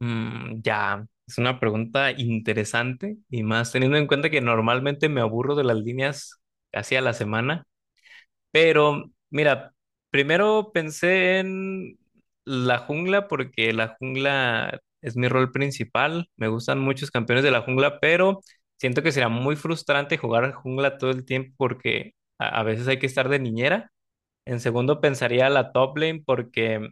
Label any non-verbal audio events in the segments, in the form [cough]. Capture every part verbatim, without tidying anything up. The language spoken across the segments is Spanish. Mm, ya, es una pregunta interesante y más teniendo en cuenta que normalmente me aburro de las líneas casi a la semana, pero mira, primero pensé en la jungla porque la jungla es mi rol principal, me gustan muchos campeones de la jungla, pero siento que será muy frustrante jugar jungla todo el tiempo porque a, a veces hay que estar de niñera. En segundo pensaría la top lane porque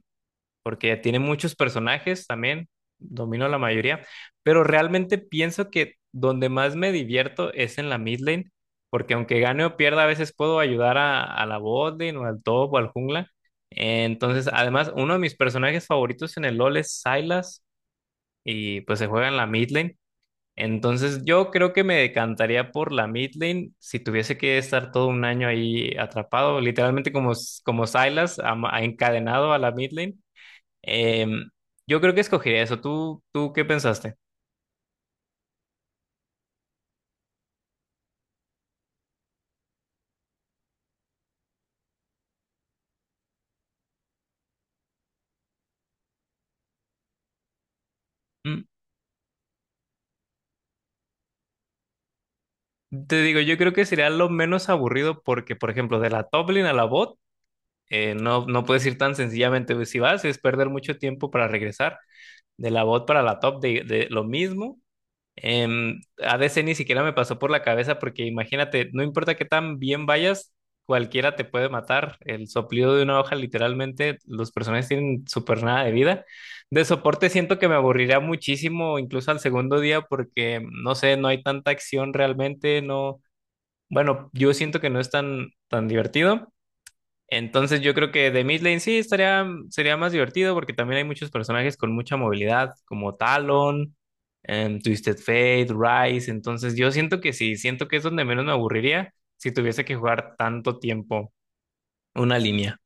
porque tiene muchos personajes también, domino la mayoría, pero realmente pienso que donde más me divierto es en la mid lane, porque aunque gane o pierda, a veces puedo ayudar a, a la bot lane o al top o al jungla. Entonces, además, uno de mis personajes favoritos en el LoL es Sylas y pues se juega en la mid lane. Entonces, yo creo que me decantaría por la mid lane si tuviese que estar todo un año ahí atrapado, literalmente como, como Sylas, ama- encadenado a la mid lane. Em, yo creo que escogería eso. ¿Tú, tú qué pensaste? Mm, Te digo, yo creo que sería lo menos aburrido porque, por ejemplo, de la top lane a la bot, eh, no, no puedes ir tan sencillamente. Si vas, es perder mucho tiempo para regresar. De la bot para la top, de, de lo mismo. Em, A D C ni siquiera me pasó por la cabeza porque imagínate, no importa qué tan bien vayas, cualquiera te puede matar. El soplido de una hoja, literalmente, los personajes tienen súper nada de vida. De soporte siento que me aburriría muchísimo, incluso al segundo día, porque no sé, no hay tanta acción realmente, no. Bueno, yo siento que no es tan, tan divertido. Entonces yo creo que de mid lane sí estaría, mm, sería más divertido porque también hay muchos personajes con mucha movilidad, como Talon, em, Twisted Fate, Ryze. Entonces yo siento que sí, siento que es donde menos me aburriría si tuviese que jugar tanto tiempo una línea.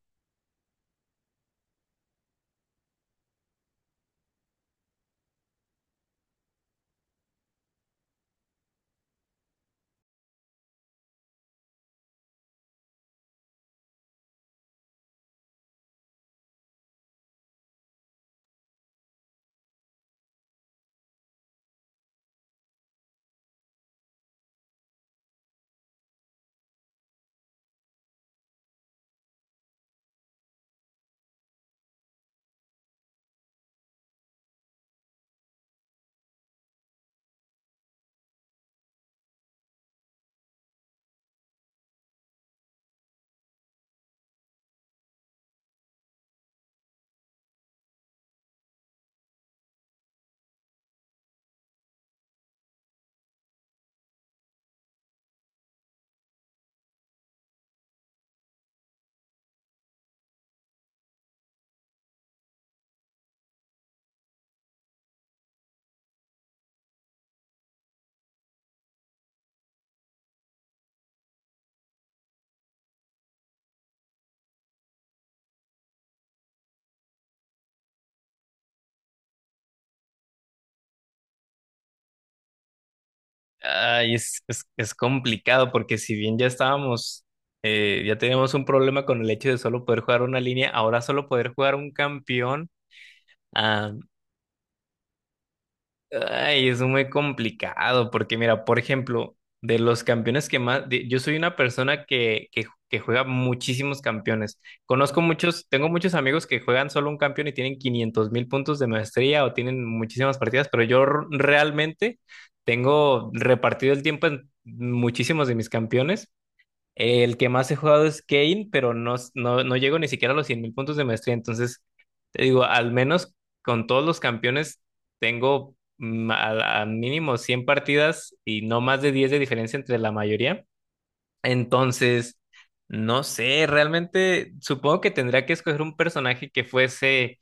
Ay, es, es, es complicado porque si bien ya estábamos, eh, ya teníamos un problema con el hecho de solo poder jugar una línea, ahora solo poder jugar un campeón. ah, Ay, es muy complicado porque mira, por ejemplo, de los campeones que más, de- yo soy una persona que, que, que juega muchísimos campeones. Conozco muchos, tengo muchos amigos que juegan solo un campeón y tienen quinientos mil puntos de maestría o tienen muchísimas partidas, pero yo r- realmente tengo repartido el tiempo en muchísimos de mis campeones. El que más he jugado es Kane, pero no, no, no llego ni siquiera a los cien mil puntos de maestría. Entonces, te digo, al menos con todos los campeones tengo mm, a, a mínimo cien partidas y no más de diez de diferencia entre la mayoría. Entonces, no sé, realmente supongo que tendría que escoger un personaje que fuese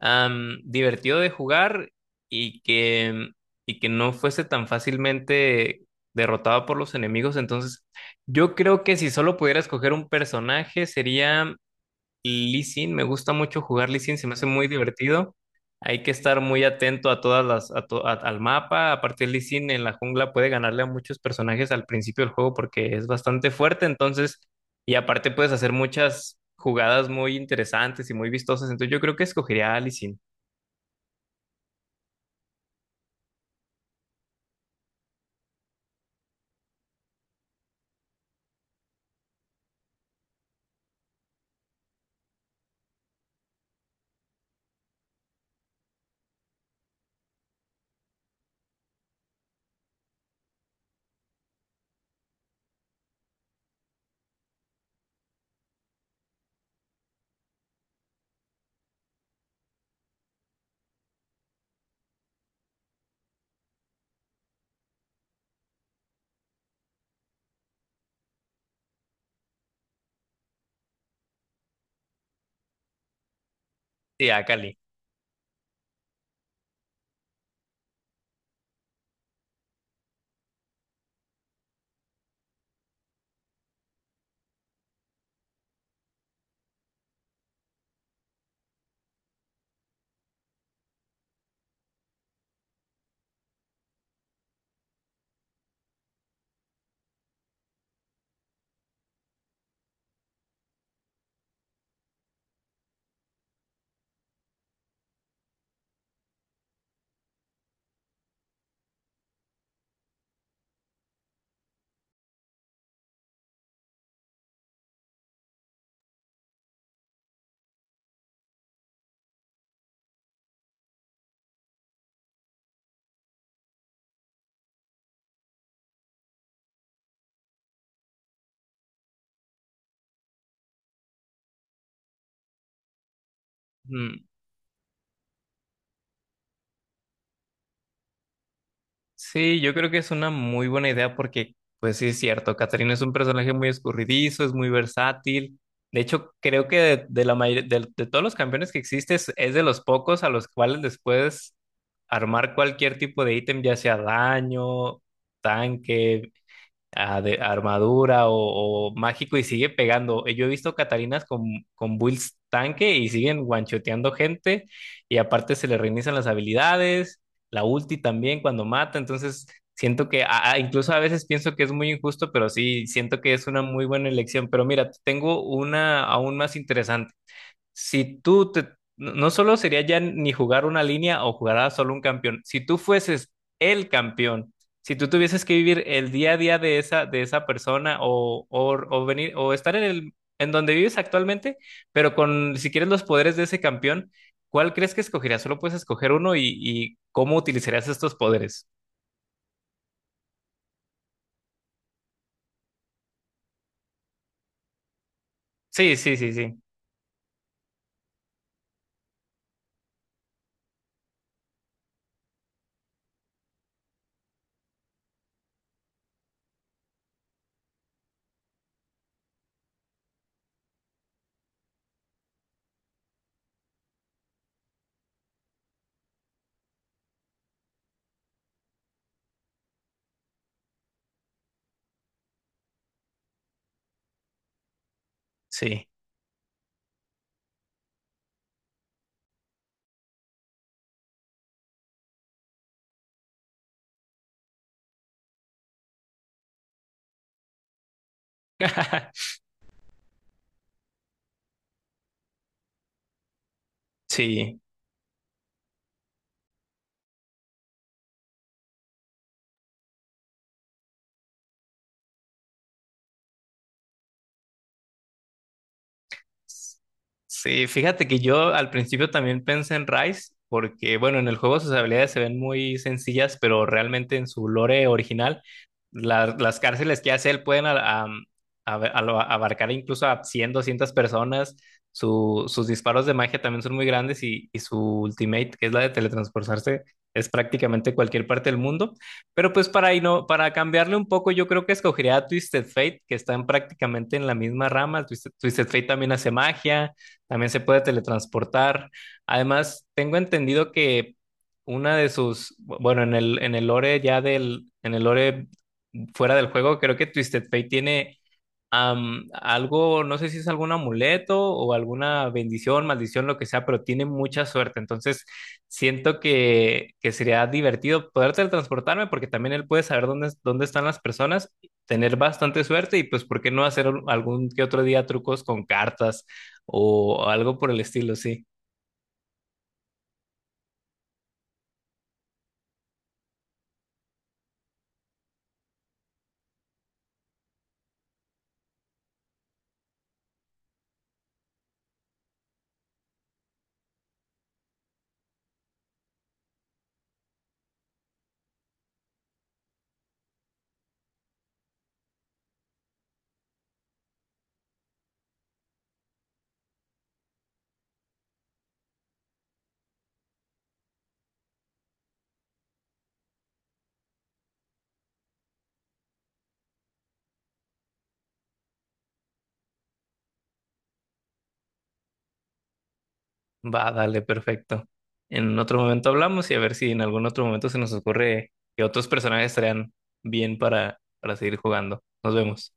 am, divertido de jugar y que, y que no fuese tan fácilmente derrotado por los enemigos. Entonces, yo creo que si solo pudiera escoger un personaje sería Lee Sin. Me gusta mucho jugar Lee Sin, se me hace muy divertido. Hay que estar muy atento a todas las, a to- a- al mapa. Aparte, Lee Sin en la jungla puede ganarle a muchos personajes al principio del juego porque es bastante fuerte. Entonces, y aparte puedes hacer muchas jugadas muy interesantes y muy vistosas. Entonces, yo creo que escogería a Lee. Sí, a Cali. Mm, Sí, yo creo que es una muy buena idea porque, pues sí, es cierto, Catarina es un personaje muy escurridizo, es muy versátil. De hecho, creo que de, de la mayor- de, de todos los campeones que existes, es de los pocos a los cuales les puedes armar cualquier tipo de ítem, ya sea daño, tanque, a de- armadura o, o mágico y sigue pegando. Eh, Yo he visto Catalinas con, con builds tanque y siguen guanchoteando gente y aparte se le reinician las habilidades, la ulti también cuando mata, entonces siento que a- a- incluso a veces pienso que es muy injusto, pero sí siento que es una muy buena elección. Pero mira, tengo una aún más interesante si tú te, no no solo sería ya ni jugar una línea o jugará solo un campeón, si tú fueses el campeón, si tú tuvieses que vivir el día a día de esa, de esa persona o, o, o venir o estar en el, en donde vives actualmente, pero con, si quieres los poderes de ese campeón, ¿cuál crees que escogerías? Solo puedes escoger uno y, y ¿cómo utilizarías estos poderes? Sí, sí, sí, sí, sí. [laughs] Sí. Sí, fíjate que yo al principio también pensé en Rice, porque bueno, en el juego sus habilidades se ven muy sencillas, pero realmente en su lore original, la- las cárceles que hace él pueden a- am- a- a- lo- abarcar incluso a cien doscientas personas. Su- sus disparos de magia también son muy grandes y, y su ultimate, que es la de teletransportarse, es prácticamente cualquier parte del mundo. Pero pues para, ino- para cambiarle un poco, yo creo que escogería a Twisted Fate, que están prácticamente en la misma rama. Twisted, Twisted Fate también hace magia, también se puede teletransportar. Además, tengo entendido que una de sus, bueno, en el, en el lore ya del, en el lore fuera del juego, creo que Twisted Fate tiene am- algo, no sé si es algún amuleto o alguna bendición, maldición, lo que sea, pero tiene mucha suerte. Entonces, siento que, que sería divertido poder teletransportarme porque también él puede saber dónde, dónde están las personas, tener bastante suerte y pues, ¿por qué no hacer un- algún que otro día trucos con cartas o algo por el estilo? Sí, va, dale, perfecto. En otro momento hablamos y a ver si en algún otro momento se nos ocurre que otros personajes estarían bien para, para seguir jugando. Nos vemos.